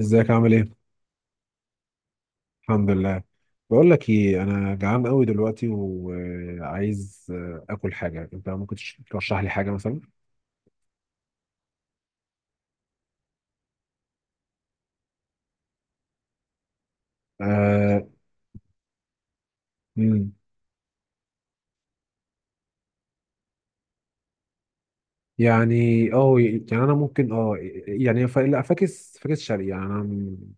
ازيك عامل ايه؟ الحمد لله. بقول لك ايه، انا جعان قوي دلوقتي وعايز اكل حاجه. انت ممكن ترشح لي حاجه مثلا؟ آه. مم. يعني اه يعني انا ممكن. اه يعني لا، فاكس فاكس شرقي يعني انا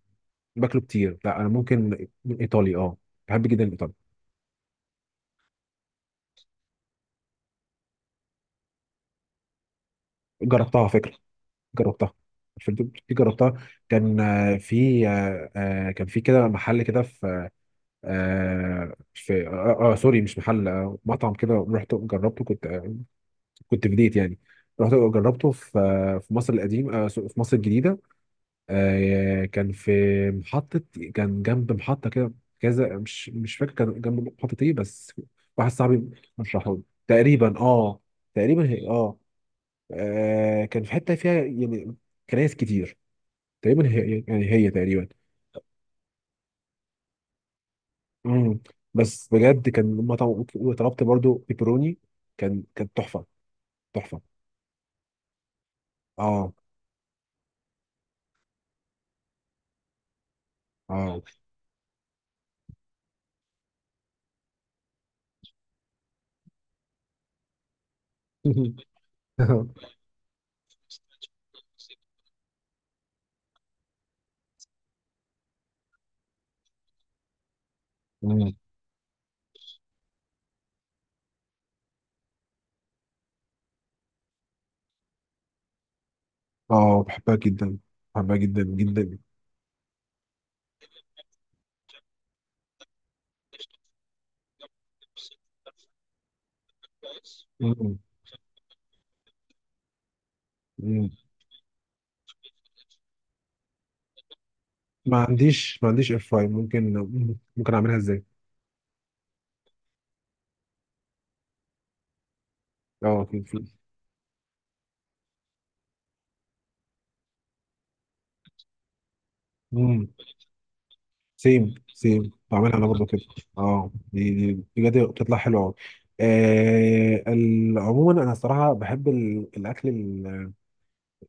باكله كتير. لا انا ممكن ايطالي. اه بحب جدا الايطالي. جربتها على فكره. جربتها. في دي جربتها. كان في كان في كده محل كده. في سوري، مش محل، مطعم كده. رحت جربته، كنت كنت في ديت يعني. رحت جربته في في مصر القديم، في مصر الجديدة. كان في محطة، كان جنب محطة كده كذا. مش فاكر كان جنب محطة ايه، بس واحد صاحبي رشحه لي تقريبا. اه تقريبا هي كان في حتة فيها يعني كنايس كتير. تقريبا هي، يعني هي تقريبا. مم. بس بجد، كان لما طلبت برضو بيبروني، كانت تحفه. تحفه. اه، اه. مم. اه، بحبها جدا. بحبها جدا جدا. مم. مم. ما عنديش اير فراير. ممكن اعملها ازاي؟ اه، في مم. سيم سيم بعملها انا برضو كده. اه، دي بجد بتطلع حلوه قوي. عموما انا الصراحه بحب الاكل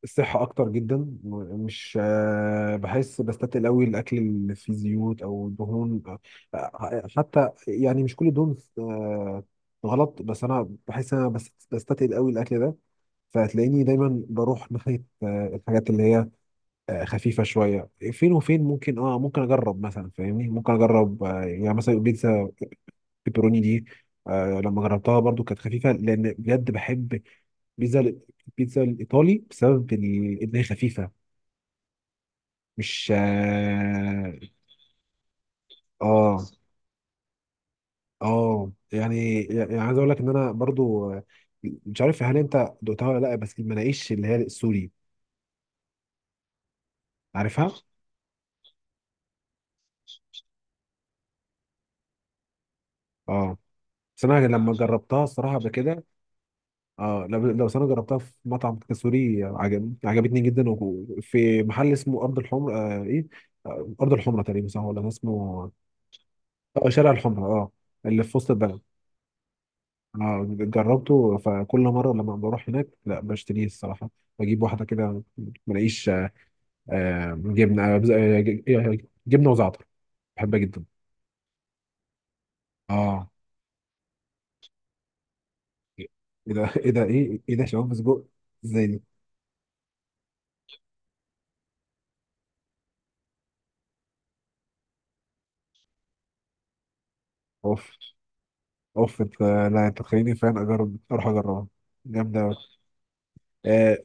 الصحة أكتر جدا. مش آه، بحس بستتقل أوي الأكل اللي فيه زيوت أو دهون. حتى يعني مش كل الدهون غلط، بس أنا بحس إن أنا بستتقل أوي الأكل ده. فهتلاقيني دايما بروح ناحية الحاجات اللي هي خفيفة شوية. فين وفين ممكن، ممكن أجرب مثلا، فاهمني؟ ممكن أجرب يعني مثلا بيتزا بيبروني دي. لما جربتها برضو كانت خفيفة، لأن بجد بحب بيتزا البيتزا الإيطالي بسبب إن هي خفيفة. مش. اه اه يعني عايز اقول لك ان انا برضو مش عارف هل انت دقتها ولا لا. بس المناقيش اللي هي السوري، عارفها. اه. بس انا لما جربتها الصراحه قبل كده، اه، لو بس انا جربتها في مطعم كده سوري، عجبتني جدا. وفي محل اسمه ارض الحمر، آه ايه آه، ارض الحمره تقريبا، صح؟ ولا اسمه اه شارع الحمره، اللي في وسط البلد. اه، جربته، فكل مرة لما بروح هناك لا بشتريه الصراحة، بجيب واحدة كده، ملاقيش جبنة جبنة وزعتر. بحبها جدا. اه. ايه ده، ايه ده، ايه ايه ده؟ شباب سجق؟ ازاي دي؟ اوف، اوف. انت، لا انت تخليني فعلا اجرب اروح اجربها. جامدة أوي. آه.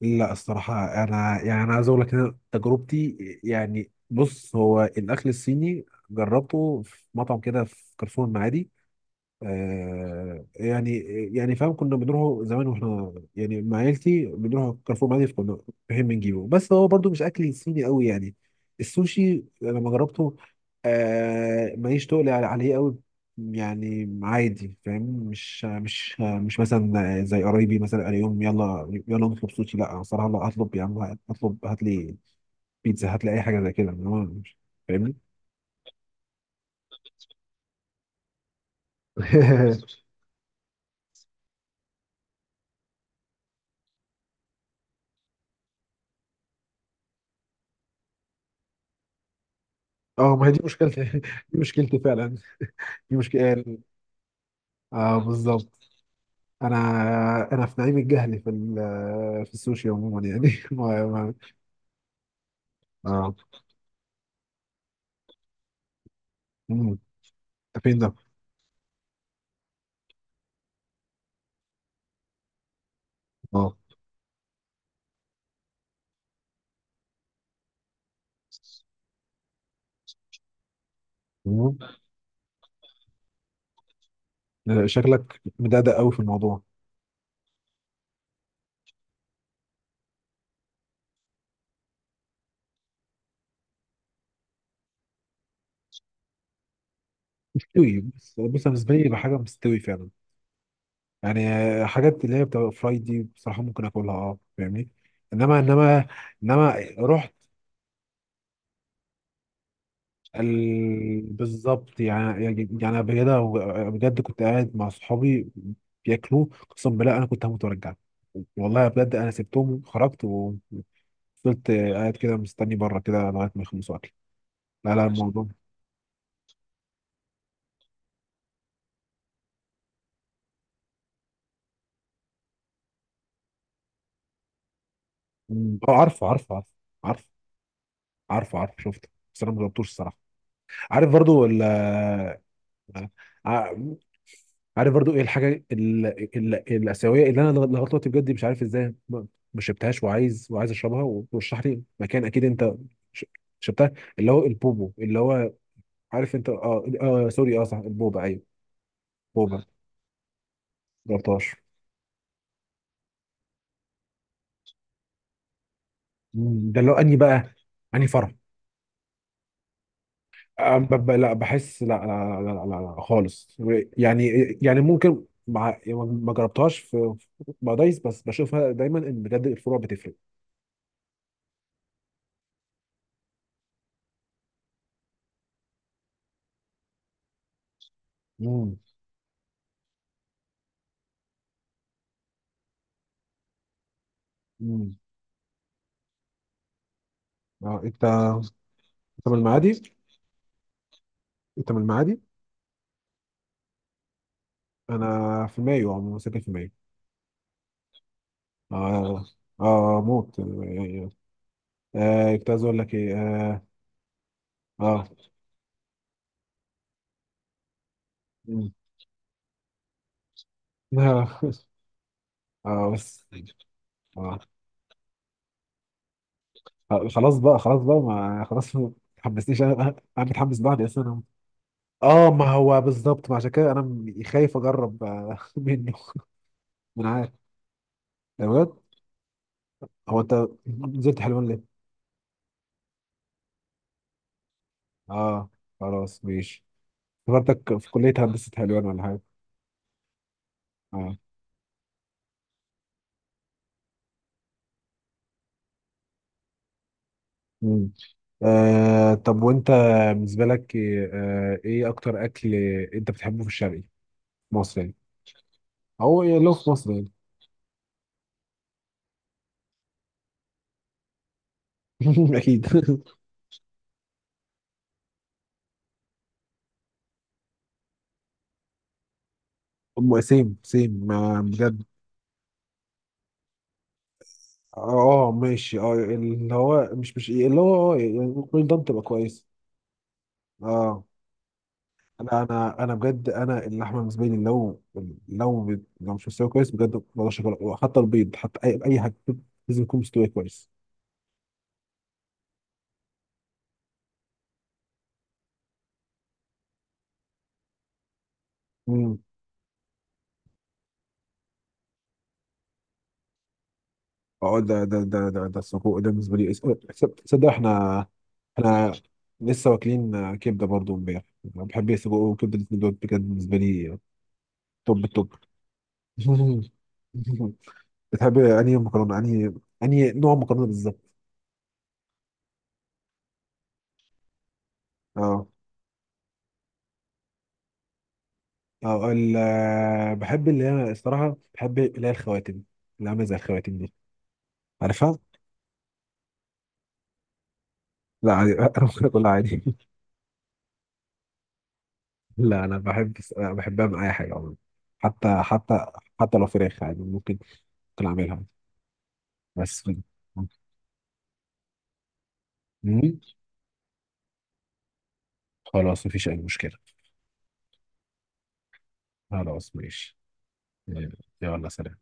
لا الصراحة، انا عايز اقول لك إن أنا تجربتي، يعني بص، هو الاكل الصيني جربته في مطعم كده في كارفور المعادي. يعني، فاهم، كنا بنروحوا زمان واحنا يعني مع عيلتي بنروح كارفور معادي، فكنا فاهم بنجيبه. بس هو برضو مش اكل صيني قوي يعني. السوشي لما جربته، ماليش تقل عليه قوي. يعني عادي، فاهم؟ مش مثلا زي قرايبي مثلا قال يوم يلا يلا نطلب سوشي. لا أنا صراحة لا اطلب. يا عم اطلب، هات لي بيتزا، هات لي اي حاجة زي كده. إنما فاهمني. اه، ما هي دي مشكلتي. دي مشكلتي فعلا. دي مشكلة. اه بالظبط. انا انا في نعيم الجهل في السوشي عموما يعني. ما ما اه مم. ده فين ده؟ اه. مم. لا، شكلك مدقدق قوي في الموضوع. مستوي، بص بص، أنا بالنسبه لي يبقى حاجه مستوي فعلا. يعني حاجات اللي هي بتبقى فرايد دي بصراحه ممكن اكلها، اه، فاهمني. انما انما رحت بالظبط. يعني أنا بجد، بجد كنت قاعد مع صحابي بياكلوه، قسم بالله انا كنت هموت وارجع. والله بجد، انا سبتهم، خرجت وفضلت قاعد كده مستني بره كده لغايه ما يخلصوا اكل. لا، لا، عشان الموضوع. مم. اه، عارفه عارفه عارفه. عارفه عارفه عارفه، شفته. بس انا ما جربتوش الصراحه. عارف برضو ولا؟ ع- عارف برضو ايه الحاجه الاسيويه اللي انا لغايه دلوقتي بجد مش عارف ازاي ما شربتهاش. وعايز اشربها ورشح لي مكان، اكيد انت ش- شربتها. اللي هو البوبو، اللي هو، عارف انت. اه سوري، اه، صح، البوبا، ايوه بوبا. جربتهاش؟ مم، ده اللي هو اني بقى اني فرح. لا، بحس، لا لا. لا, لا, لا, لا خالص. يعني، ممكن مع يعني ما جربتهاش في مع دايس. بس بشوفها دايما ان بجد الفروع بتفرق. مم. مم. اه، انت من المعادي؟ انت من المعادي. انا في مايو عموما، ساكن في مايو. اه، اه، موت يعني. كنت عايز اقول لك ايه. اه اه مم. اه. بس اه خلاص بقى، خلاص بقى، ما خلاص ما تحمسنيش. انا انا أنا متحمس بعد اساسا. اه، ما هو بالظبط. ما عشان كده انا خايف اجرب منه. من عارف؟ يا بجد، هو انت نزلت حلوان ليه؟ اه، خلاص ماشي. افتكرتك في كلية هندسة حلوان ولا حاجة. اه. مم. طب وانت، بالنسبه لك ايه ايه اكتر اكل انت بتحبه في الشرقي؟ مصر يعني، او إيه لو في مصر يعني. اكيد. سيم سيم ما بجد. اه ماشي. اه، اللي هو مش اللي هو، اه يعني ممكن ده تبقى كويس. اه، انا بجد، انا اللحمه بالنسبه لي، لو مش مستويه كويس بجد ما بقدرش أكلها. حتى البيض، حتى اي حاجه لازم يكون مستوي كويس. اه، ده ده ده ده ده السجق ده بالنسبه لي. تصدق، احنا لسه واكلين كبده برضو امبارح. انا بحب السجق وكبده، الاتنين دول بجد بالنسبه لي توب التوب. بتحب انهي مكرونه، انهي نوع مكرونه بالظبط؟ اه اه. بحب اللي هي الصراحه بحب اللي هي الخواتم. اللي عامله زي الخواتم دي، عارفها؟ لا عادي. انا ممكن اكلها عادي. لا، انا بحب، أنا بحبها من اي حاجه عموما. حتى حتى حتى لو فراخ عادي ممكن اعملها بس كده. مم. خلاص، مفيش أي مشكلة. خلاص ماشي. يلا سلام.